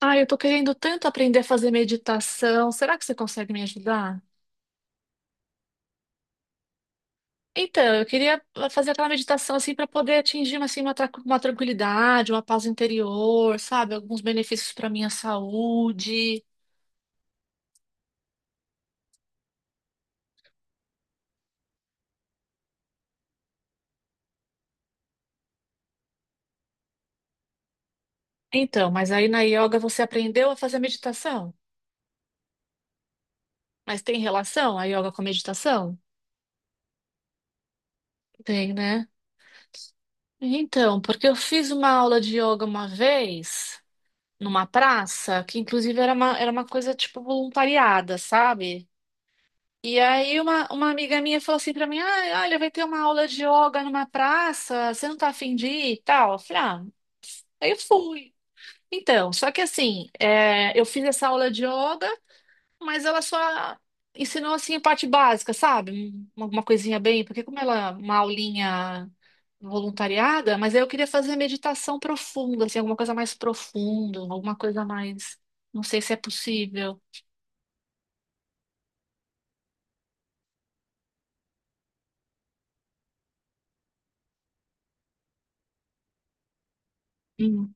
Ah, eu tô querendo tanto aprender a fazer meditação. Será que você consegue me ajudar? Então, eu queria fazer aquela meditação assim para poder atingir assim, uma tranquilidade, uma paz interior, sabe? Alguns benefícios para minha saúde. Então, mas aí na yoga você aprendeu a fazer meditação? Mas tem relação a yoga com a meditação? Tem, né? Então, porque eu fiz uma aula de yoga uma vez, numa praça, que inclusive era uma coisa tipo voluntariada, sabe? E aí uma amiga minha falou assim pra mim, ah, olha, vai ter uma aula de yoga numa praça, você não tá afim de ir e tal? Eu falei, ah, aí eu fui. Então, só que assim, eu fiz essa aula de yoga, mas ela só ensinou assim a parte básica, sabe? Alguma coisinha bem, porque como ela é uma aulinha voluntariada, mas aí eu queria fazer meditação profunda, assim, alguma coisa mais profunda, alguma coisa mais, não sei se é possível. Hum.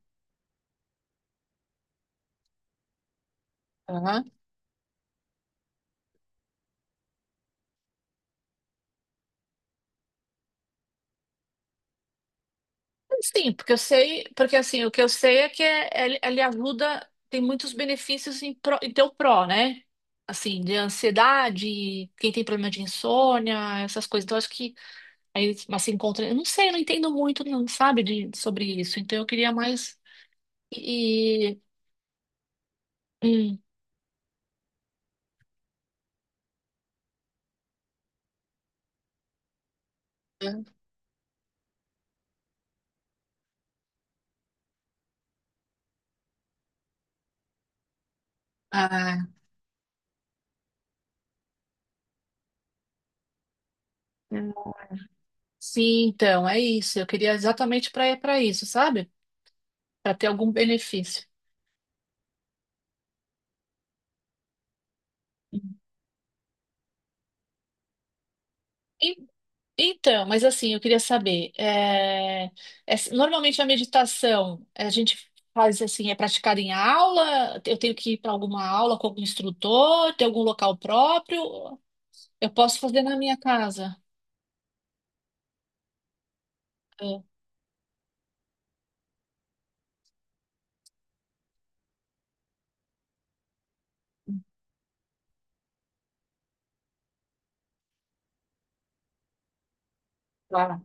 Sim, porque eu sei, porque assim, o que eu sei é que ele ajuda, tem muitos benefícios em teu pró, né? Assim, de ansiedade, quem tem problema de insônia, essas coisas. Então, acho que aí mas se encontra. Eu não sei, eu não entendo muito, não, sabe, sobre isso. Então, eu queria mais. E. Hum, ah, sim, então, é isso. Eu queria exatamente para isso, sabe? Para ter algum benefício. Então, mas assim, eu queria saber, normalmente a meditação a gente faz assim, é praticada em aula? Eu tenho que ir para alguma aula com algum instrutor? Tem algum local próprio? Eu posso fazer na minha casa? É. Tá,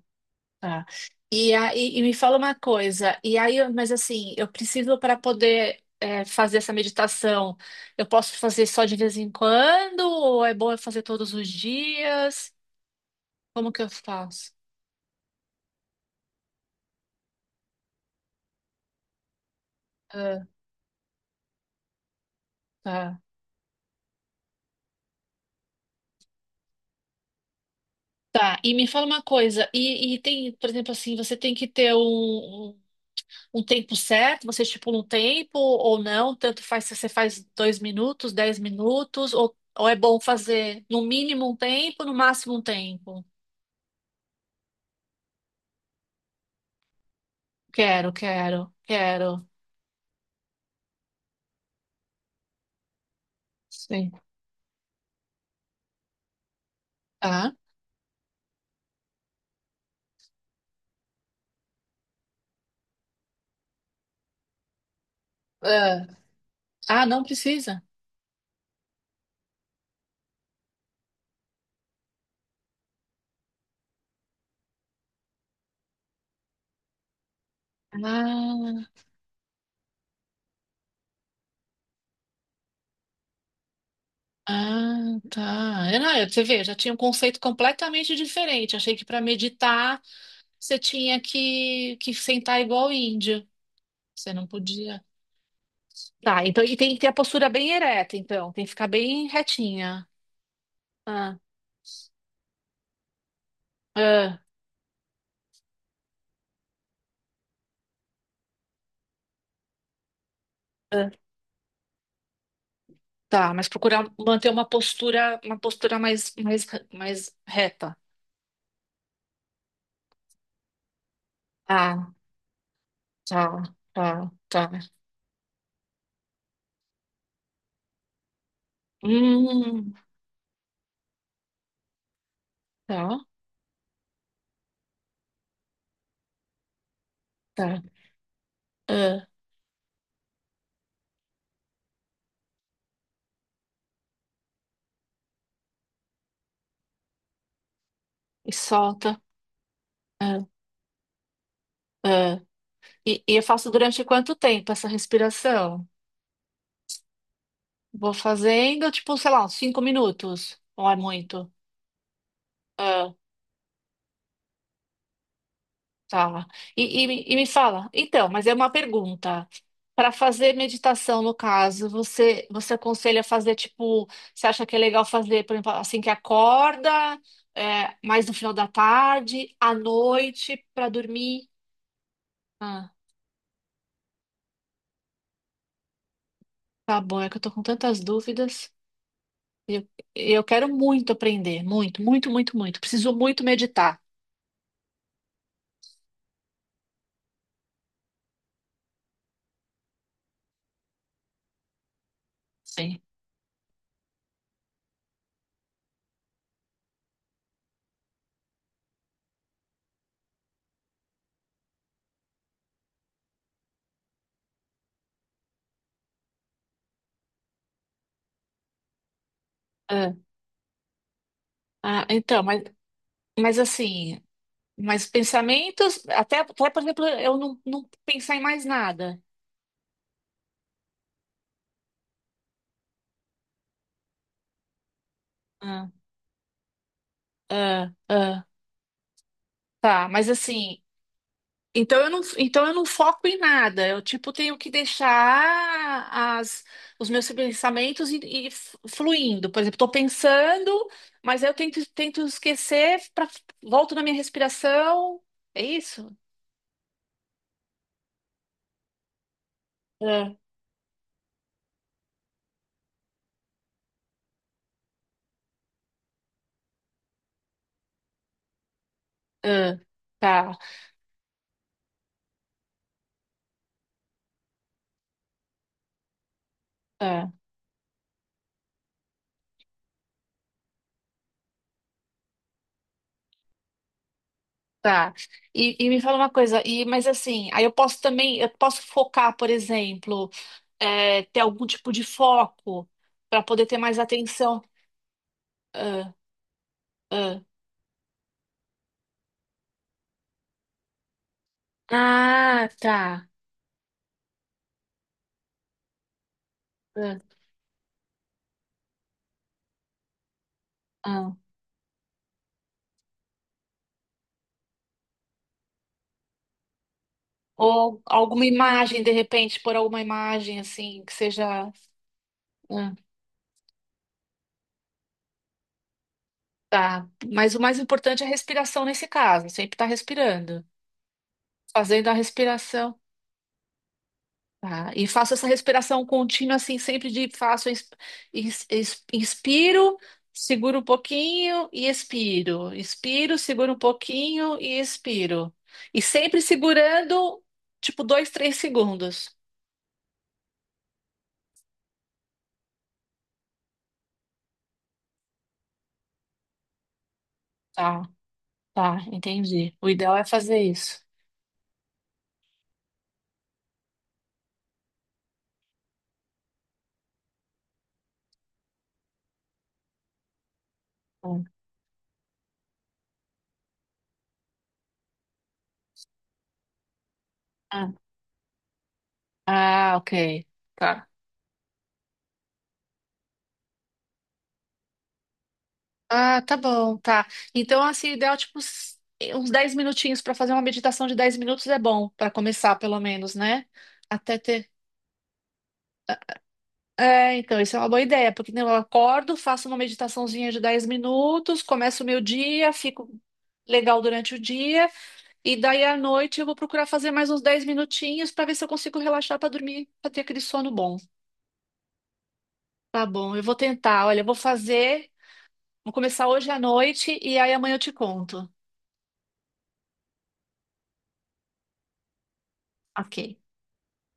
tá. E, aí, e me fala uma coisa, e aí, mas assim, eu preciso para poder fazer essa meditação, eu posso fazer só de vez em quando? Ou é bom eu fazer todos os dias? Como que eu faço? É, tá. Tá, e me fala uma coisa, e tem, por exemplo, assim, você tem que ter um tempo certo, você estipula um tempo ou não, tanto faz se você faz 2 minutos, 10 minutos, ou é bom fazer no mínimo um tempo, no máximo um tempo? Quero, quero, quero. Sim. Tá. Ah, ah, não precisa? Ah, ah, tá. Eu, não, eu, você vê, eu já tinha um conceito completamente diferente. Achei que para meditar você tinha que sentar igual índio. Você não podia. Tá, então e tem que ter a postura bem ereta, então. Tem que ficar bem retinha. Ah, ah, ah. Tá, mas procurar manter uma postura mais, reta. Ah, tá, tá, tá. Hum, tá, tá. Ah, e solta. Ah, ah. E eu faço durante quanto tempo essa respiração? Vou fazendo, tipo, sei lá, uns 5 minutos. Ou é muito? Ah. Tá. E me fala, então, mas é uma pergunta. Para fazer meditação, no caso, você aconselha fazer tipo, você acha que é legal fazer, por exemplo, assim que acorda, mais no final da tarde, à noite, para dormir? Ah, tá bom, é que eu tô com tantas dúvidas. e Eu, e eu quero muito aprender, muito, muito, muito, muito. Preciso muito meditar. Sim. Ah, ah, então, mas assim. Mas pensamentos, até por exemplo, eu não, não pensar em mais nada. Ah, Ah, ah, tá, mas assim, então eu não foco em nada. Eu tipo tenho que deixar as, os meus pensamentos e fluindo. Por exemplo, estou pensando, mas aí eu tento esquecer, volto na minha respiração. É isso? Ah, ah, tá. Ah. Tá. E me fala uma coisa, mas assim, aí eu posso focar, por exemplo, ter algum tipo de foco para poder ter mais atenção. Ah, ah. Ah, tá. Ah, ah. Ou alguma imagem, de repente, por alguma imagem assim, que seja. Ah, tá. Mas o mais importante é a respiração nesse caso, sempre estar respirando. Fazendo a respiração. Tá, e faço essa respiração contínua, assim, sempre de faço, inspiro, seguro um pouquinho e expiro. Inspiro, seguro um pouquinho e expiro. E sempre segurando, tipo, 2, 3 segundos. Tá, tá, entendi. O ideal é fazer isso. Hum. Ah, ah, ok. Tá. Ah, tá bom, tá. Então, assim, o ideal, tipo, uns 10 minutinhos para fazer uma meditação de 10 minutos é bom, para começar, pelo menos, né? Até ter. É, então, isso é uma boa ideia, porque né, eu acordo, faço uma meditaçãozinha de 10 minutos, começo o meu dia, fico legal durante o dia, e daí à noite eu vou procurar fazer mais uns 10 minutinhos para ver se eu consigo relaxar para dormir, para ter aquele sono bom. Tá bom, eu vou tentar. Olha, eu vou fazer, vou começar hoje à noite e aí amanhã eu te conto. Ok.